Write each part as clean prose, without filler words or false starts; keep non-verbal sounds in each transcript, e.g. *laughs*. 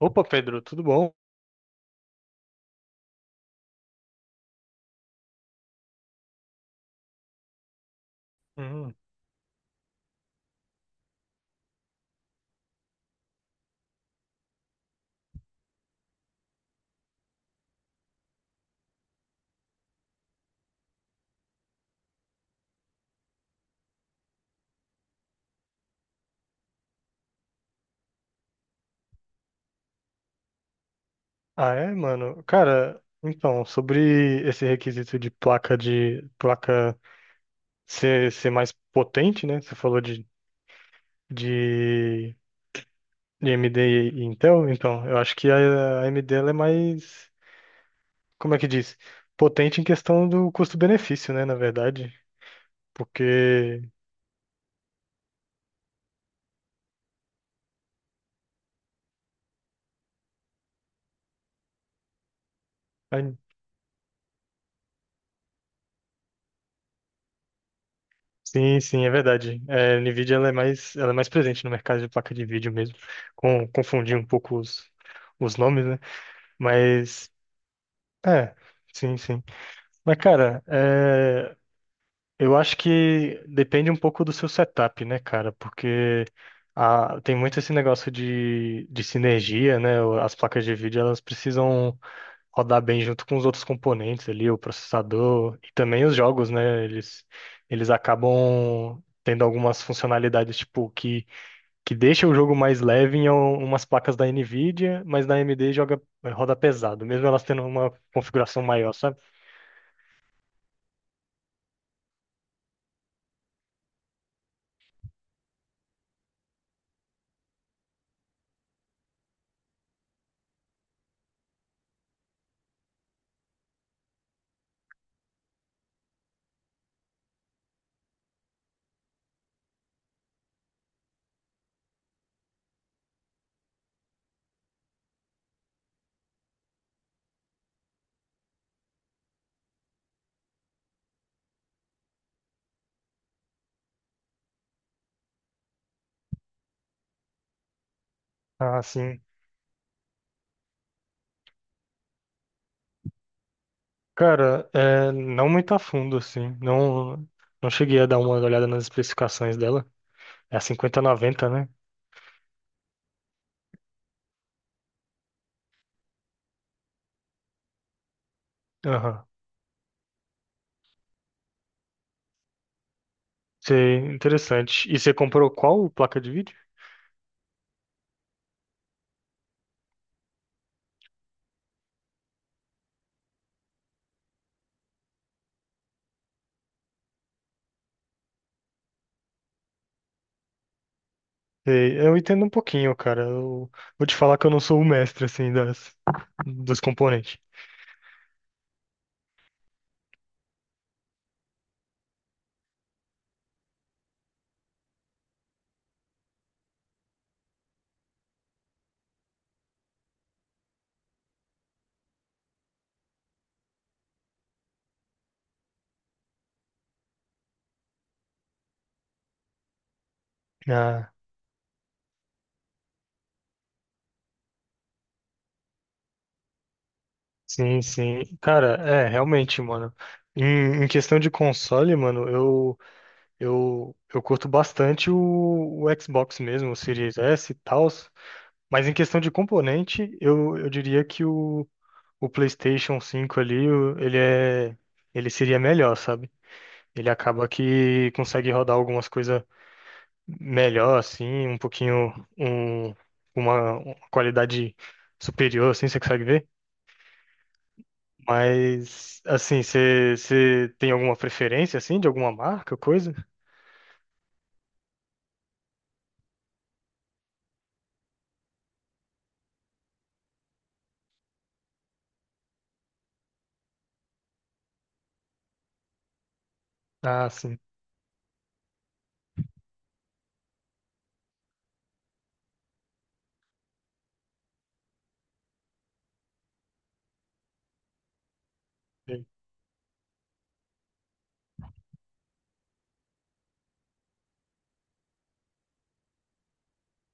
Opa, Pedro, tudo bom? Hum. Ah, é, mano? Cara, então, sobre esse requisito de placa ser mais potente, né? Você falou de, de AMD e Intel, então, eu acho que a AMD ela é mais, como é que diz? Potente em questão do custo-benefício, né? Na verdade, porque a- sim, sim, é verdade. É, a Nvidia ela é mais presente no mercado de placa de vídeo mesmo, confundir um pouco os nomes, né? Mas É, sim, sim. Mas, cara, é, eu acho que depende um pouco do seu setup, né, cara? Porque tem muito esse negócio de sinergia, né? As placas de vídeo, elas precisam rodar bem junto com os outros componentes ali, o processador e também os jogos, né? Eles acabam tendo algumas funcionalidades, tipo, que deixa o jogo mais leve em umas placas da NVIDIA, mas na AMD joga, roda pesado, mesmo elas tendo uma configuração maior, sabe? Ah, sim. Cara, é, não muito a fundo, assim. Não, não cheguei a dar uma olhada nas especificações dela. É a 5090, né? Aham. Sei, interessante. E você comprou qual placa de vídeo? Sei, eu entendo um pouquinho, cara. Eu vou te falar que eu não sou o mestre, assim, dos componentes. Ah, sim, sim. Cara, é, realmente, mano. Em questão de console, mano, eu curto bastante o Xbox mesmo, o Series S e tal, mas em questão de componente, eu diria que o PlayStation 5 ali, ele seria melhor, sabe? Ele acaba que consegue rodar algumas coisas melhor, assim, um pouquinho, um, uma qualidade superior, assim, você consegue ver? Mas, assim, você tem alguma preferência, assim, de alguma marca, coisa? Ah, sim.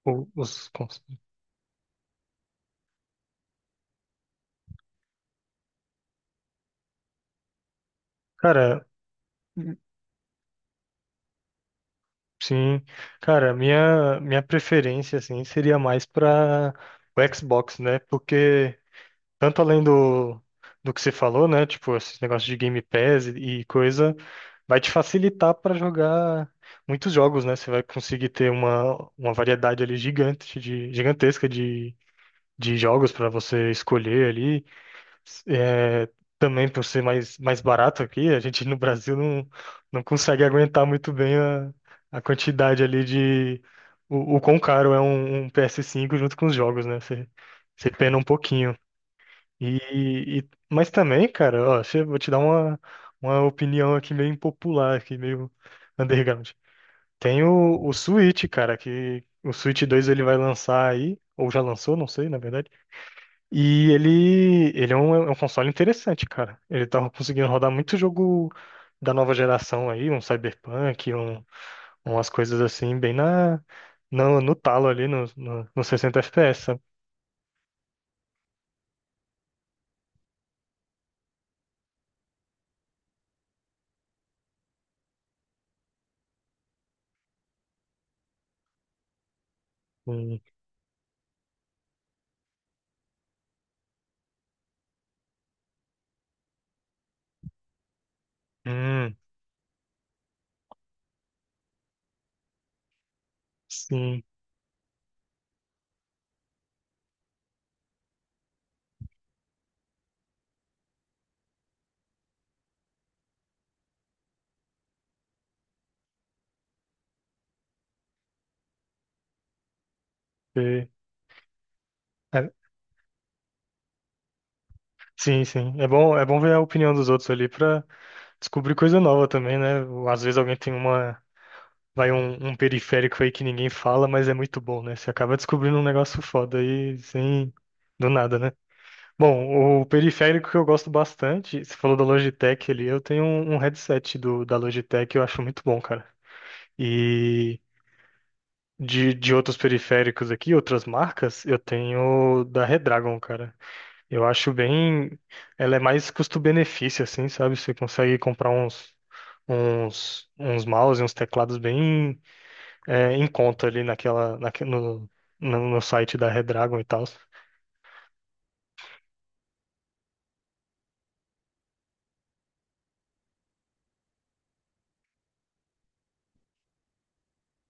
O- Os, cons- cara, sim, cara, minha preferência assim seria mais para o Xbox, né? Porque tanto além do que você falou, né? Tipo, esses negócios de Game Pass e coisa, vai te facilitar para jogar muitos jogos, né? Você vai conseguir ter uma variedade ali gigantesca de jogos para você escolher ali. É, também por ser mais barato aqui, a gente no Brasil não, não consegue aguentar muito bem a quantidade ali de. O quão caro é um PS5 junto com os jogos, né? Você, você pena um pouquinho. E, mas também, cara, ó, vou te dar uma opinião aqui meio impopular, aqui meio underground. Tem o Switch, cara, que o Switch 2 ele vai lançar aí, ou já lançou, não sei, na verdade. E ele é um console interessante, cara. Ele tava conseguindo rodar muito jogo da nova geração aí, um Cyberpunk, umas coisas assim, bem na, no, no talo ali, no 60 FPS, sabe? Hum, hum, sim, é, é, sim, sim. É bom ver a opinião dos outros ali pra descobrir coisa nova também, né? Às vezes alguém tem vai um periférico aí que ninguém fala, mas é muito bom, né? Você acaba descobrindo um negócio foda aí, sem, do nada, né? Bom, o periférico que eu gosto bastante, você falou da Logitech ali, eu tenho um headset da Logitech, eu acho muito bom, cara. E de outros periféricos aqui, outras marcas, eu tenho da Redragon, cara. Eu acho bem. Ela é mais custo-benefício, assim, sabe? Você consegue comprar uns mouse e uns teclados bem em conta ali naquela, naque- no, no, no site da Redragon e tal.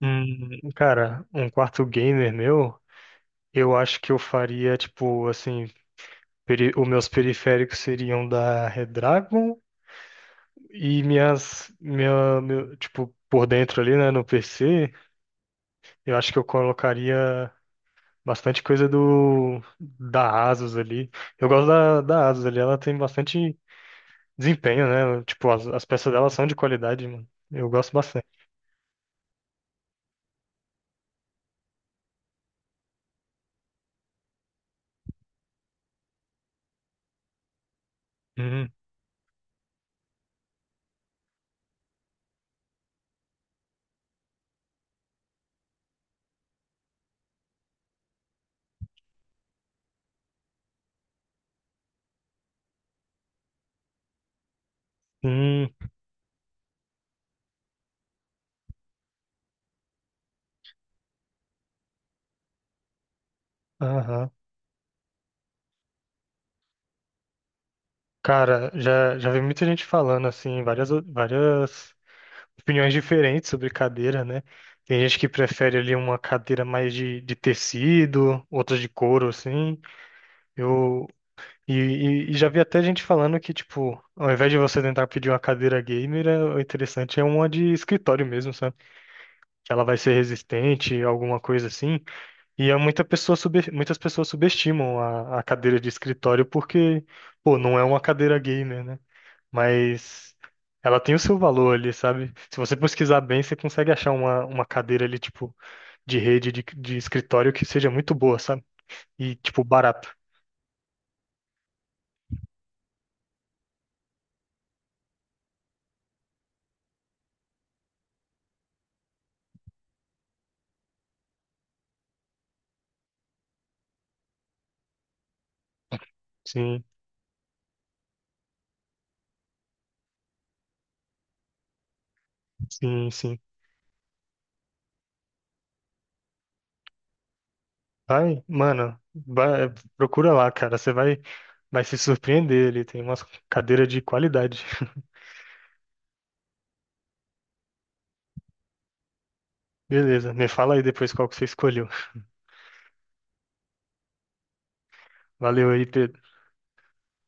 Cara, um quarto gamer meu. Eu acho que eu faria, tipo, assim, os meus periféricos seriam da Redragon e meu, tipo, por dentro ali, né, no PC, eu acho que eu colocaria bastante coisa do da Asus ali. Eu gosto da Asus ali, ela tem bastante desempenho, né? Tipo, as peças dela são de qualidade, mano. Eu gosto bastante. Uhum. Sim, aham. Cara, já vi muita gente falando, assim, várias, várias opiniões diferentes sobre cadeira, né? Tem gente que prefere ali uma cadeira mais de tecido, outras de couro, assim. Eu e já vi até gente falando que, tipo, ao invés de você tentar pedir uma cadeira gamer, o interessante é uma de escritório mesmo, sabe? Que ela vai ser resistente, alguma coisa assim. E é muitas pessoas subestimam a cadeira de escritório porque, pô, não é uma cadeira gamer, né? Mas ela tem o seu valor ali, sabe? Se você pesquisar bem, você consegue achar uma cadeira ali, tipo, de escritório que seja muito boa, sabe? E, tipo, barato. Sim, sim, sim. Vai, mano, procura lá, cara. Você vai se surpreender ali. Tem umas cadeiras de qualidade. *laughs* Beleza, me fala aí depois qual que você escolheu. Valeu aí, Pedro.